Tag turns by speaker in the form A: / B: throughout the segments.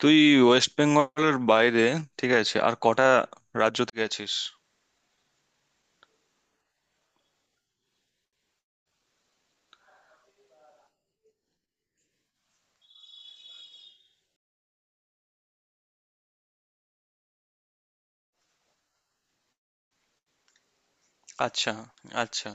A: তুই ওয়েস্ট বেঙ্গলের বাইরে, ঠিক আছে, আর কটা রাজ্যতে গেছিস? আচ্ছা। আচ্ছা।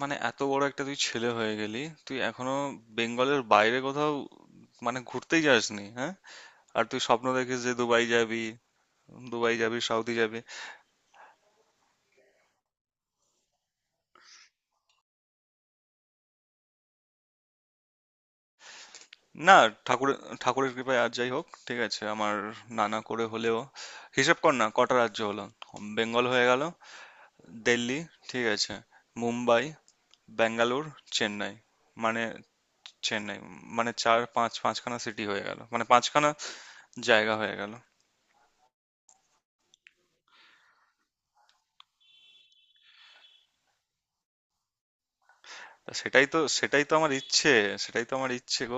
A: মানে এত বড় একটা তুই ছেলে হয়ে গেলি, তুই এখনো বেঙ্গলের বাইরে কোথাও মানে ঘুরতেই যাসনি? হ্যাঁ। আর তুই স্বপ্ন দেখিস যে দুবাই যাবি, দুবাই যাবি, সাউদি যাবি। না, ঠাকুরের ঠাকুরের কৃপায় আর যাই হোক, ঠিক আছে, আমার নানা করে হলেও হিসেব কর না কটা রাজ্য হলো। বেঙ্গল হয়ে গেল, দিল্লি, ঠিক আছে, মুম্বাই, ব্যাঙ্গালোর, চেন্নাই। মানে চেন্নাই, মানে চার পাঁচ, পাঁচখানা সিটি হয়ে গেল, মানে পাঁচখানা জায়গা হয়ে গেল। তা সেটাই তো আমার ইচ্ছে, সেটাই তো আমার ইচ্ছে গো।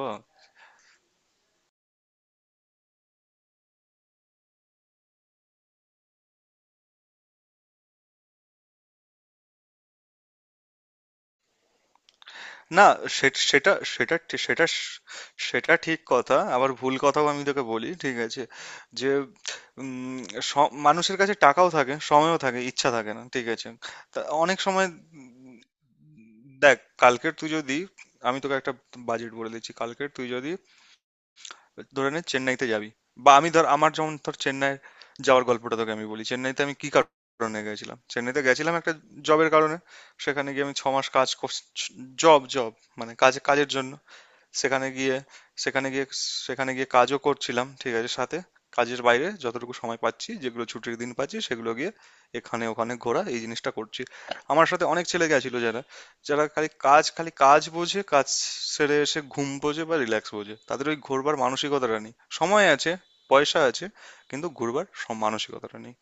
A: না, সে- সেটা সেটা ঠি- সেটা স- সেটা ঠিক কথা আবার ভুল কথাও আমি তোকে বলি, ঠিক আছে, যে উম, মানুষের কাছে টাকাও থাকে, সময়ও থাকে, ইচ্ছা থাকে না, ঠিক আছে। তা অনেক সময় উম, দেখ, কালকের তুই যদি আমি তোকে একটা বাজেট বলে দিচ্ছি, কালকের তুই যদি ধরে নে চেন্নাইতে যাবি, বা আমি ধর, আমার যেমন ধর চেন্নাই যাওয়ার গল্পটা তোকে আমি বলি। চেন্নাইতে আমি কি কারণে গেছিলাম, চেন্নাইতে গেছিলাম একটা জবের কারণে। সেখানে গিয়ে আমি 6 মাস কাজ, জব জব মানে কাজে, কাজের জন্য। সেখানে গিয়ে সেখানে গিয়ে সেখানে গিয়ে কাজও করছিলাম, ঠিক আছে, সাথে কাজের বাইরে যতটুকু সময় পাচ্ছি, যেগুলো ছুটির দিন পাচ্ছি, সেগুলো গিয়ে এখানে ওখানে ঘোরা এই জিনিসটা করছি। আমার সাথে অনেক ছেলে গেছিল যারা যারা খালি কাজ, খালি কাজ বোঝে, কাজ সেরে এসে ঘুম বোঝে বা রিল্যাক্স বোঝে, তাদের ওই ঘোরবার মানসিকতাটা নেই। সময় আছে, পয়সা আছে, কিন্তু ঘুরবার মানসিকতাটা নেই।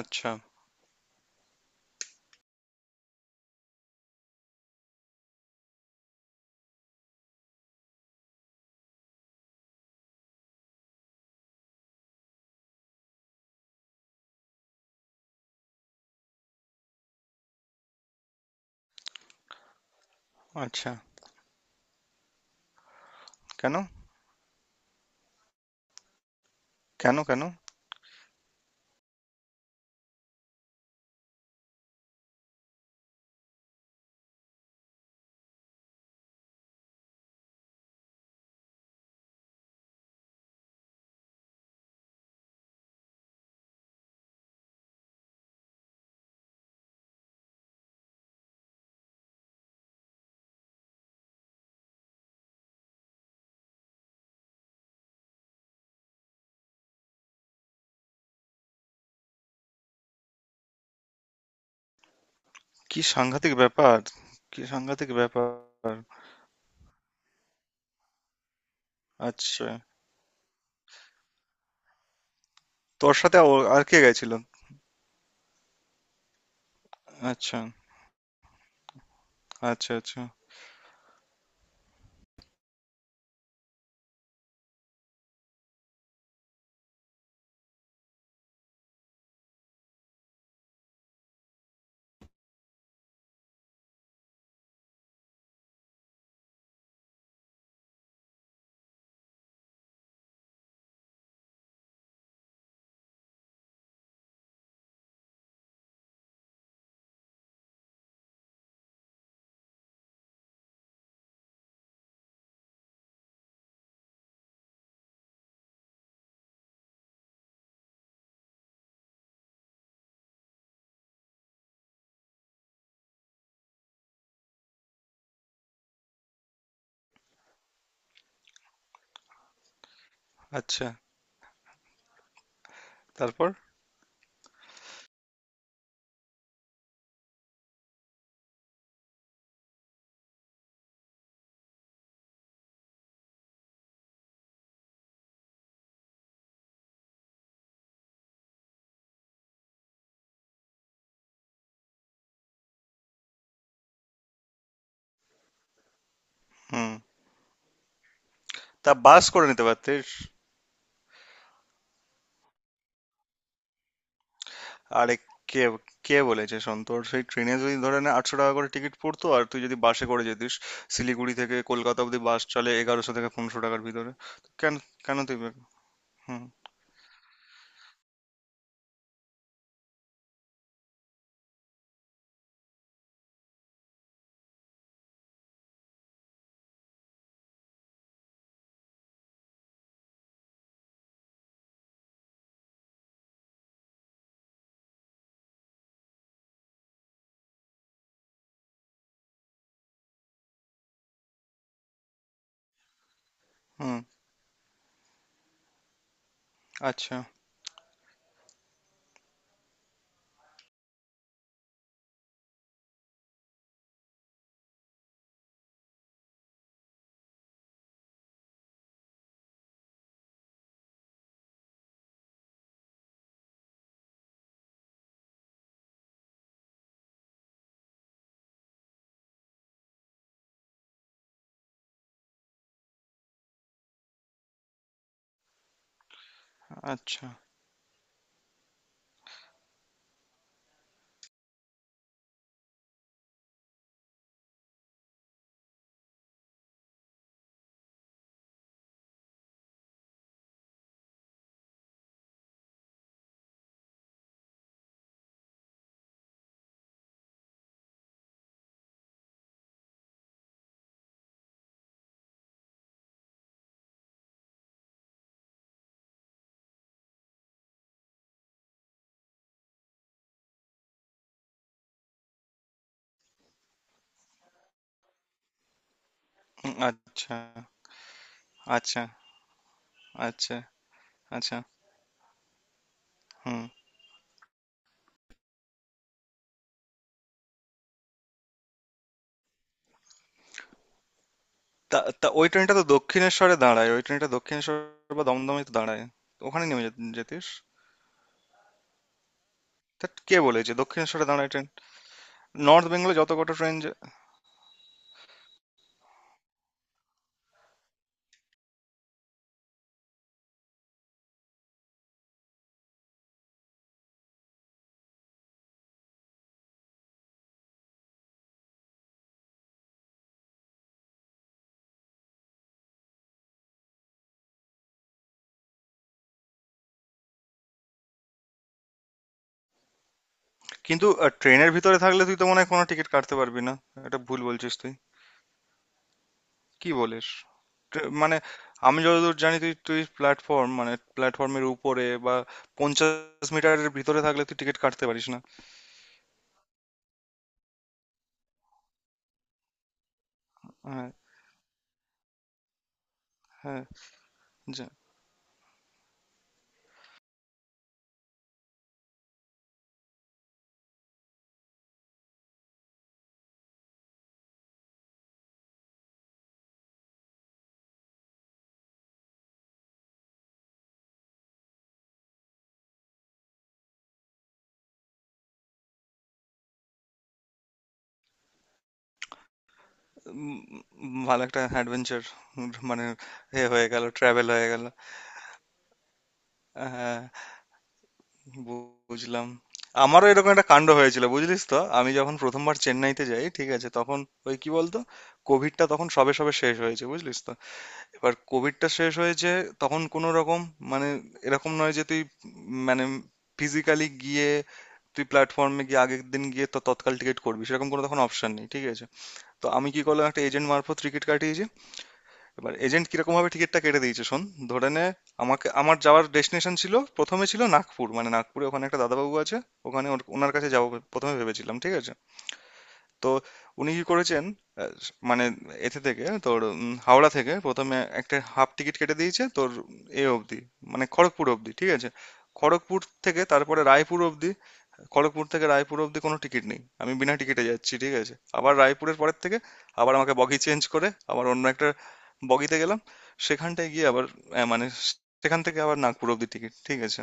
A: আচ্ছা। আচ্ছা। কেন? কেন? কেন? কি সাংঘাতিক ব্যাপার! কি সাংঘাতিক ব্যাপার! আচ্ছা। তোর সাথে ও আর কে গেছিল? আচ্ছা। আচ্ছা। আচ্ছা। আচ্ছা। তারপর? হুম। তা বাস করে নিতে পারতিস। আরে, কে কে বলেছে, শোন, তোর সেই ট্রেনে যদি ধরে নে 800 টাকা করে টিকিট পড়তো, আর তুই যদি বাসে করে যেতিস, শিলিগুড়ি থেকে কলকাতা অবধি বাস চলে 1100 থেকে 1500 টাকার ভিতরে। তো কেন? কেন তুই বে- হুম। হুম। আচ্ছা। আচ্ছা। হুম, আচ্ছা। আচ্ছা। আচ্ছা। আচ্ছা। হুম। তা তা ওই ট্রেনটা তো দক্ষিণেশ্বরে দাঁড়ায়, ওই ট্রেনটা দক্ষিণেশ্বর বা দমদমে তো দাঁড়ায়, ওখানে নেমে যেতিস। তা কে বলেছে দক্ষিণেশ্বরে দাঁড়ায় ট্রেন? নর্থ বেঙ্গলে যত কটা ট্রেন। কিন্তু ট্রেনের ভিতরে থাকলে তুই তো মনে হয় কোনো টিকিট কাটতে পারবি না। এটা ভুল বলছিস তুই, কি বলিস? মানে, আমি যতদূর জানি, তুই তুই প্ল্যাটফর্ম মানে প্ল্যাটফর্মের উপরে বা 50 মিটারের ভিতরে থাকলে তুই টিকিট কাটতে পারিস না। হ্যাঁ। হ্যাঁ। যা- উম, ভালো একটা অ্যাডভেঞ্চার। মানে এ হয়ে গেল, ট্রাভেল হয়ে গেল। হ্যাঁ। বুঝলাম। আমারও এরকম একটা কাণ্ড হয়েছিল, বুঝলিস তো? আমি যখন প্রথমবার চেন্নাইতে যাই, ঠিক আছে, তখন ওই কি বলতো, কোভিডটা তখন সবে সবে শেষ হয়েছে, বুঝলিস তো। এবার কোভিডটা শেষ হয়েছে, তখন কোনো রকম মানে এরকম নয় যে তুই মানে ফিজিক্যালি গিয়ে, তুই প্ল্যাটফর্মে গিয়ে আগের দিন গিয়ে তো তৎকাল টিকিট করবি, সেরকম কোনো তখন অপশন নেই, ঠিক আছে। তো আমি কি করলাম, একটা এজেন্ট মারফত টিকিট কাটিয়েছি। এবার এজেন্ট কিরকম ভাবে টিকিটটা কেটে দিয়েছে শোন। ধরে নে, আমাকে আমার যাওয়ার ডেস্টিনেশন ছিল প্রথমে, ছিল নাগপুর, মানে নাগপুরে ওখানে একটা দাদাবাবু আছে, ওখানে ওনার কাছে যাবো প্রথমে ভেবেছিলাম, ঠিক আছে। তো উনি কি করেছেন, আহ, মানে এতে থেকে তোর, হাওড়া থেকে প্রথমে একটা হাফ টিকিট কেটে দিয়েছে তোর এ অবধি, মানে খড়গপুর অবধি, ঠিক আছে। খড়গপুর থেকে তারপরে রায়পুর অবধি। খড়গপুর থেকে রায়পুর অব্দি কোনো টিকিট নেই, আমি বিনা টিকিটে যাচ্ছি, ঠিক আছে। আবার রায়পুরের পরের থেকে আবার আমাকে বগি চেঞ্জ করে আবার অন্য একটা বগিতে গেলাম, সেখানটায় গিয়ে আবার মানে সেখান থেকে আবার নাগপুর অব্দি টিকিট, ঠিক আছে।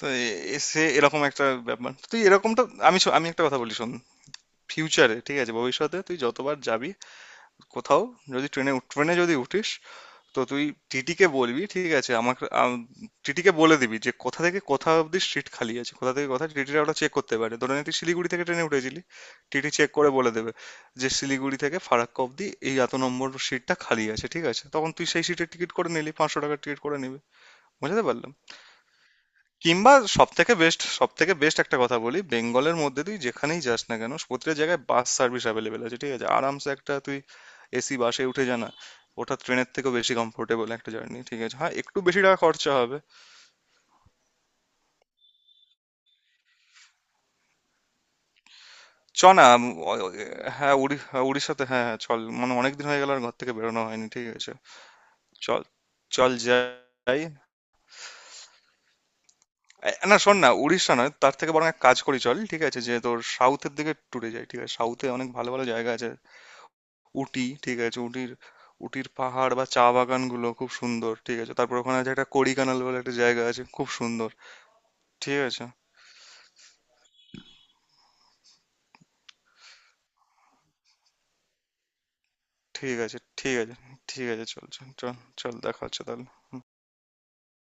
A: তো সে এরকম একটা ব্যাপার, তুই এরকমটা, আমি একটা কথা বলি শোন। ফিউচারে, ঠিক আছে, ভবিষ্যতে তুই যতবার যাবি কোথাও, যদি ট্রেনে ট্রেনে যদি উঠিস, তো তুই টিটিকে বলবি, ঠিক আছে, আমাকে টিটিকে বলে দিবি যে কোথা থেকে কোথা অব্দি সিট খালি আছে, কোথা থেকে কোথা টিটিরা ওটা চেক করতে পারে। ধরে নে তুই শিলিগুড়ি থেকে ট্রেনে উঠেছিলি, টিটি চেক করে বলে দেবে যে শিলিগুড়ি থেকে ফারাক্কা অব্দি এই এত নম্বর সিটটা খালি আছে, ঠিক আছে, তখন তুই সেই সিটের টিকিট করে নিলি, 500 টাকার টিকিট করে নিবি। বুঝতে পারলাম। কিংবা সবথেকে বেস্ট, সবথেকে বেস্ট একটা কথা বলি, বেঙ্গলের মধ্যে তুই যেখানেই যাস না কেন, প্রতিটা জায়গায় বাস সার্ভিস অ্যাভেলেবেল আছে, ঠিক আছে, আরামসে একটা তুই এসি বাসে উঠে যা না, ওটা ট্রেনের থেকেও বেশি কমফোর্টেবল একটা জার্নি, ঠিক আছে, হ্যাঁ একটু বেশি টাকা খরচা হবে। চ না, অ- অ- হ্যাঁ হ্যাঁ, উড়িষ্যাতে, হ্যাঁ। হ্যাঁ। চল, মানে অনেকদিন হয়ে গেল আর ঘর থেকে বেরোনো হয়নি, ঠিক আছে। চল, চল যাই। এ, না শোন না, উড়িষ্যা নয়, তার থেকে বরং এক কাজ করি চল, ঠিক আছে, যে তোর সাউথের দিকে ট্যুরে যাই, ঠিক আছে, সাউথে অনেক ভালো ভালো জায়গা আছে। উটি, ঠিক আছে, উটির উটির পাহাড় বা চা বাগানগুলো খুব সুন্দর, ঠিক আছে, তারপর ওখানে আছে একটা কোড়িকানাল বলে একটা জায়গা আছে, খুব সুন্দর। ঠিক আছে। ঠিক আছে। ঠিক আছে। ঠিক আছে। চল, চল, চল, চল। দেখা হচ্ছে তাহলে।